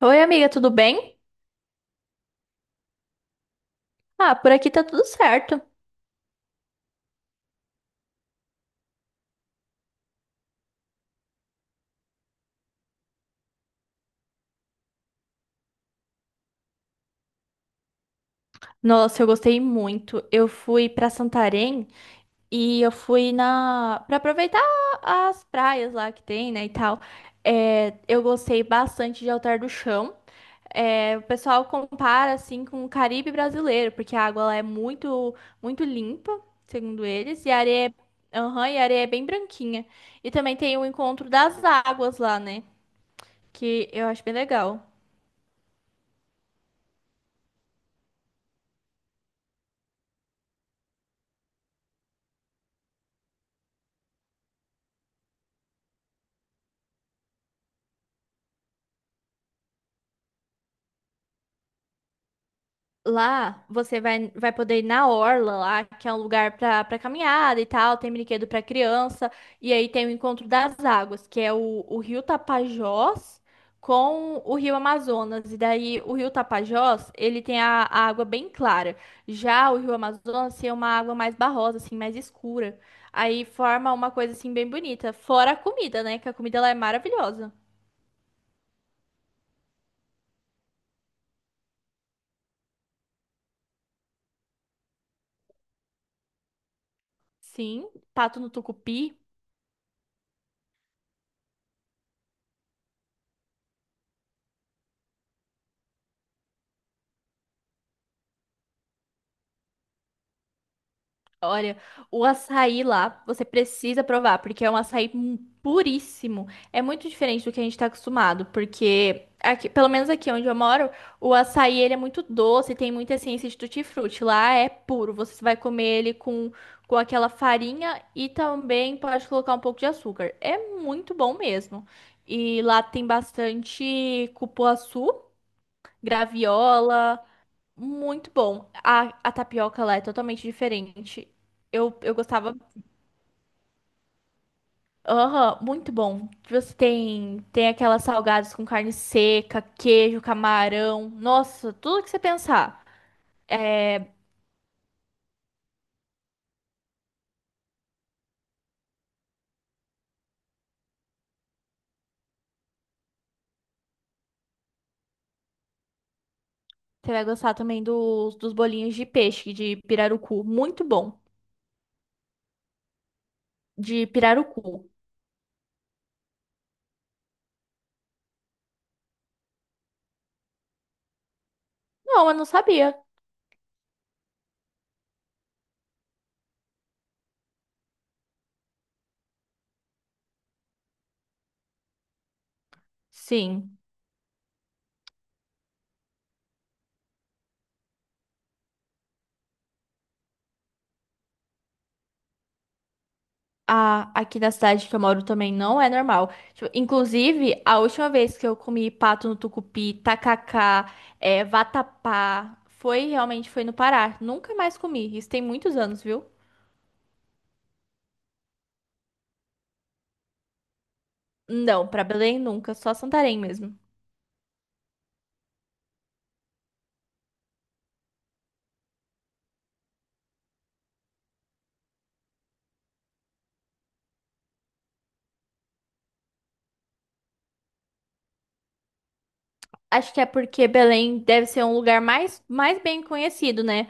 Oi, amiga, tudo bem? Ah, por aqui tá tudo certo. Nossa, eu gostei muito. Eu fui pra Santarém e eu fui na para aproveitar as praias lá que tem, né, e tal. É, eu gostei bastante de Altar do Chão. É, o pessoal compara assim com o Caribe brasileiro, porque a água lá é muito muito limpa, segundo eles, e a areia é, aham, e a areia é bem branquinha. E também tem o encontro das águas lá, né, que eu acho bem legal. Lá você vai, vai poder ir na orla lá, que é um lugar para caminhada e tal, tem brinquedo para criança, e aí tem o encontro das águas, que é o Rio Tapajós com o Rio Amazonas. E daí o Rio Tapajós, ele tem a água bem clara. Já o Rio Amazonas tem uma água mais barrosa, assim, mais escura. Aí forma uma coisa assim bem bonita, fora a comida, né? Que a comida lá é maravilhosa. Sim, pato no tucupi. Olha, o açaí lá, você precisa provar, porque é um açaí mu- puríssimo. É muito diferente do que a gente tá acostumado, porque aqui, pelo menos aqui onde eu moro, o açaí ele é muito doce, tem muita essência de tutti-frutti. Lá é puro, você vai comer ele com aquela farinha e também pode colocar um pouco de açúcar. É muito bom mesmo. E lá tem bastante cupuaçu, graviola. Muito bom. A tapioca lá é totalmente diferente. Eu gostava. Aham, muito bom. Você tem, aquelas salgadas com carne seca, queijo, camarão. Nossa, tudo que você pensar. Você vai gostar também dos bolinhos de peixe, de pirarucu. Muito bom. De pirarucu. Não, eu não sabia. Sim. A- aqui na cidade que eu moro também não é normal. Tipo, inclusive, a última vez que eu comi pato no tucupi, tacacá, é, vatapá, foi realmente foi no Pará. Nunca mais comi. Isso tem muitos anos, viu? Não, pra Belém nunca, só Santarém mesmo. Acho que é porque Belém deve ser um lugar mais bem conhecido, né?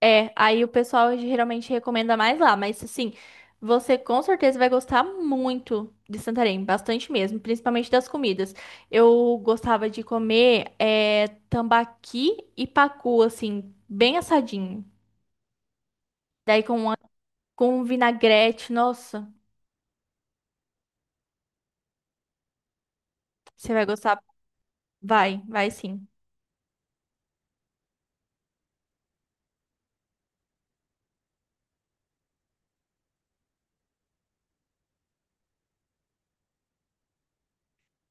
É, aí o pessoal geralmente recomenda mais lá, mas assim, você com certeza vai gostar muito de Santarém, bastante mesmo, principalmente das comidas. Eu gostava de comer é, tambaqui e pacu, assim, bem assadinho. Daí com, uma- com um vinagrete, nossa, você vai gostar. Vai, vai sim.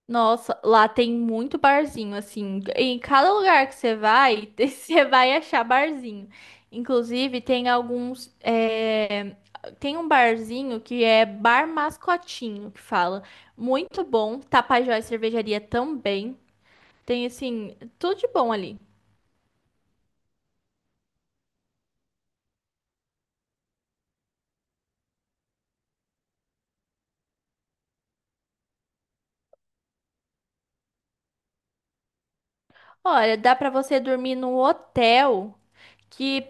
Nossa, lá tem muito barzinho, assim. Em cada lugar que você vai, você vai achar barzinho. Inclusive, tem alguns. Tem um barzinho que é Bar Mascotinho, que fala. Muito bom. Tapajós Cervejaria também. Tem, assim, tudo de bom ali. Olha, dá pra você dormir num hotel que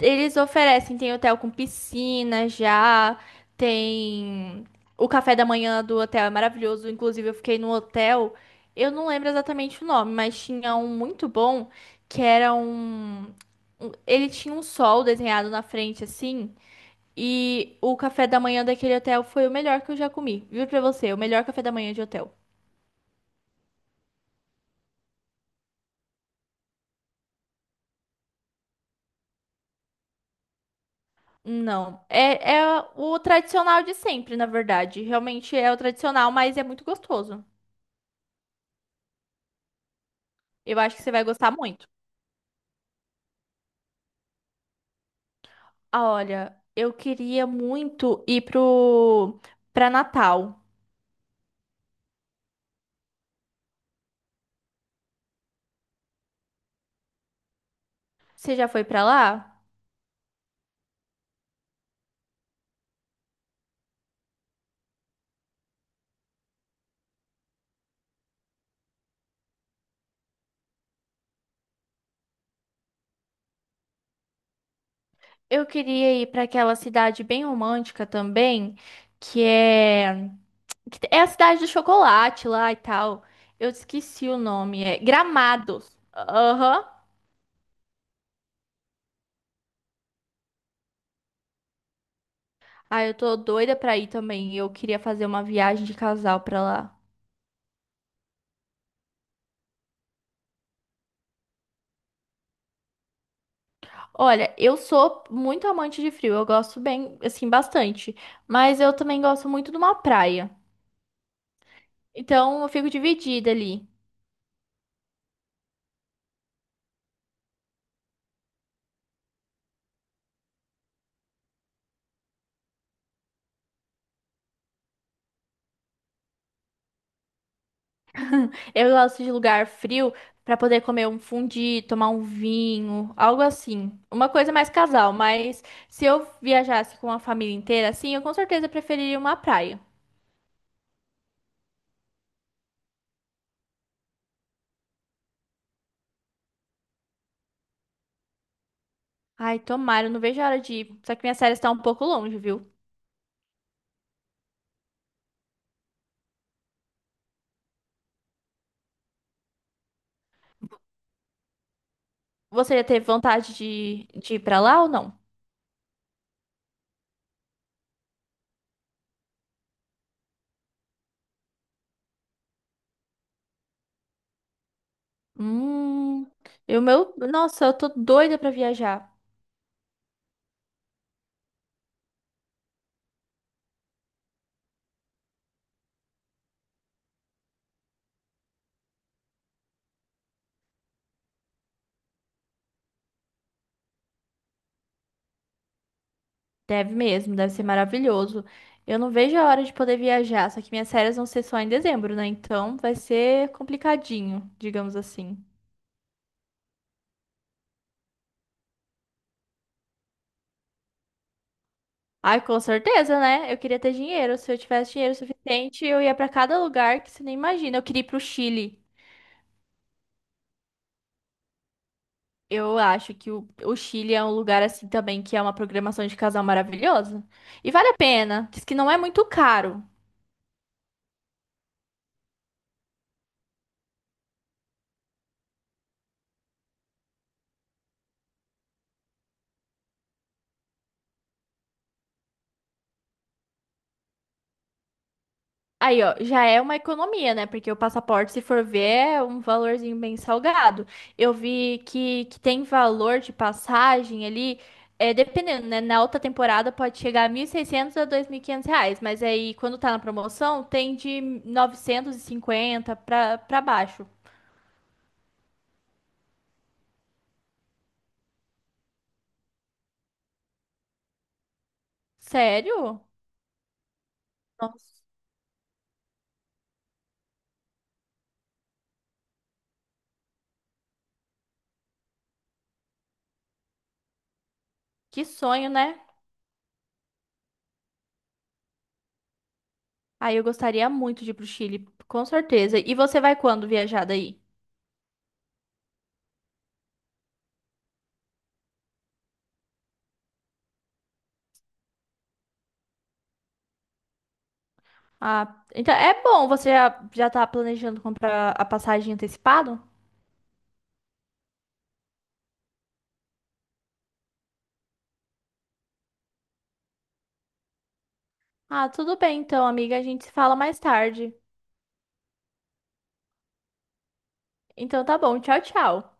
eles oferecem, tem hotel com piscina já, tem o café da manhã do hotel é maravilhoso. Inclusive, eu fiquei num hotel, eu não lembro exatamente o nome, mas tinha um muito bom que era um. Ele tinha um sol desenhado na frente assim. E o café da manhã daquele hotel foi o melhor que eu já comi. Viu pra você, o melhor café da manhã de hotel. Não, é, é o tradicional de sempre, na verdade. Realmente é o tradicional, mas é muito gostoso. Eu acho que você vai gostar muito. Olha, eu queria muito ir pro para Natal. Você já foi pra lá? Eu queria ir pra aquela cidade bem romântica também, que é que é a cidade do chocolate lá e tal. Eu esqueci o nome, é Gramados. Aham. Ah, eu tô doida pra ir também. Eu queria fazer uma viagem de casal pra lá. Olha, eu sou muito amante de frio. Eu gosto bem, assim, bastante. Mas eu também gosto muito de uma praia. Então eu fico dividida ali. Eu gosto de lugar frio pra poder comer um fundi, tomar um vinho, algo assim. Uma coisa mais casal, mas se eu viajasse com a família inteira, assim, eu com certeza preferiria uma praia. Ai, tomara, eu não vejo a hora de ir. Só que minha série está um pouco longe, viu? Você já teve vontade de ir pra lá ou não? Hum, nossa, eu tô doida pra viajar. Deve mesmo, deve ser maravilhoso. Eu não vejo a hora de poder viajar, só que minhas férias vão ser só em dezembro, né? Então vai ser complicadinho, digamos assim. Ai, com certeza, né? Eu queria ter dinheiro. Se eu tivesse dinheiro suficiente, eu ia pra cada lugar que você nem imagina. Eu queria ir pro Chile. Eu acho que o, Chile é um lugar assim também que é uma programação de casal maravilhosa. E vale a pena. Diz que não é muito caro. Aí, ó, já é uma economia, né? Porque o passaporte, se for ver, é um valorzinho bem salgado. Eu vi que, tem valor de passagem ali, é, dependendo, né? Na alta temporada pode chegar a 1.600 a R$ 2.500, mas aí quando tá na promoção tem de 950 pra, baixo. Sério? Nossa, que sonho, né? Aí eu gostaria muito de ir pro Chile, com certeza. E você vai quando viajar daí? Ah, então é bom, você já, tá planejando comprar a passagem antecipado? Ah, tudo bem então, amiga, a gente se fala mais tarde. Então tá bom, tchau, tchau.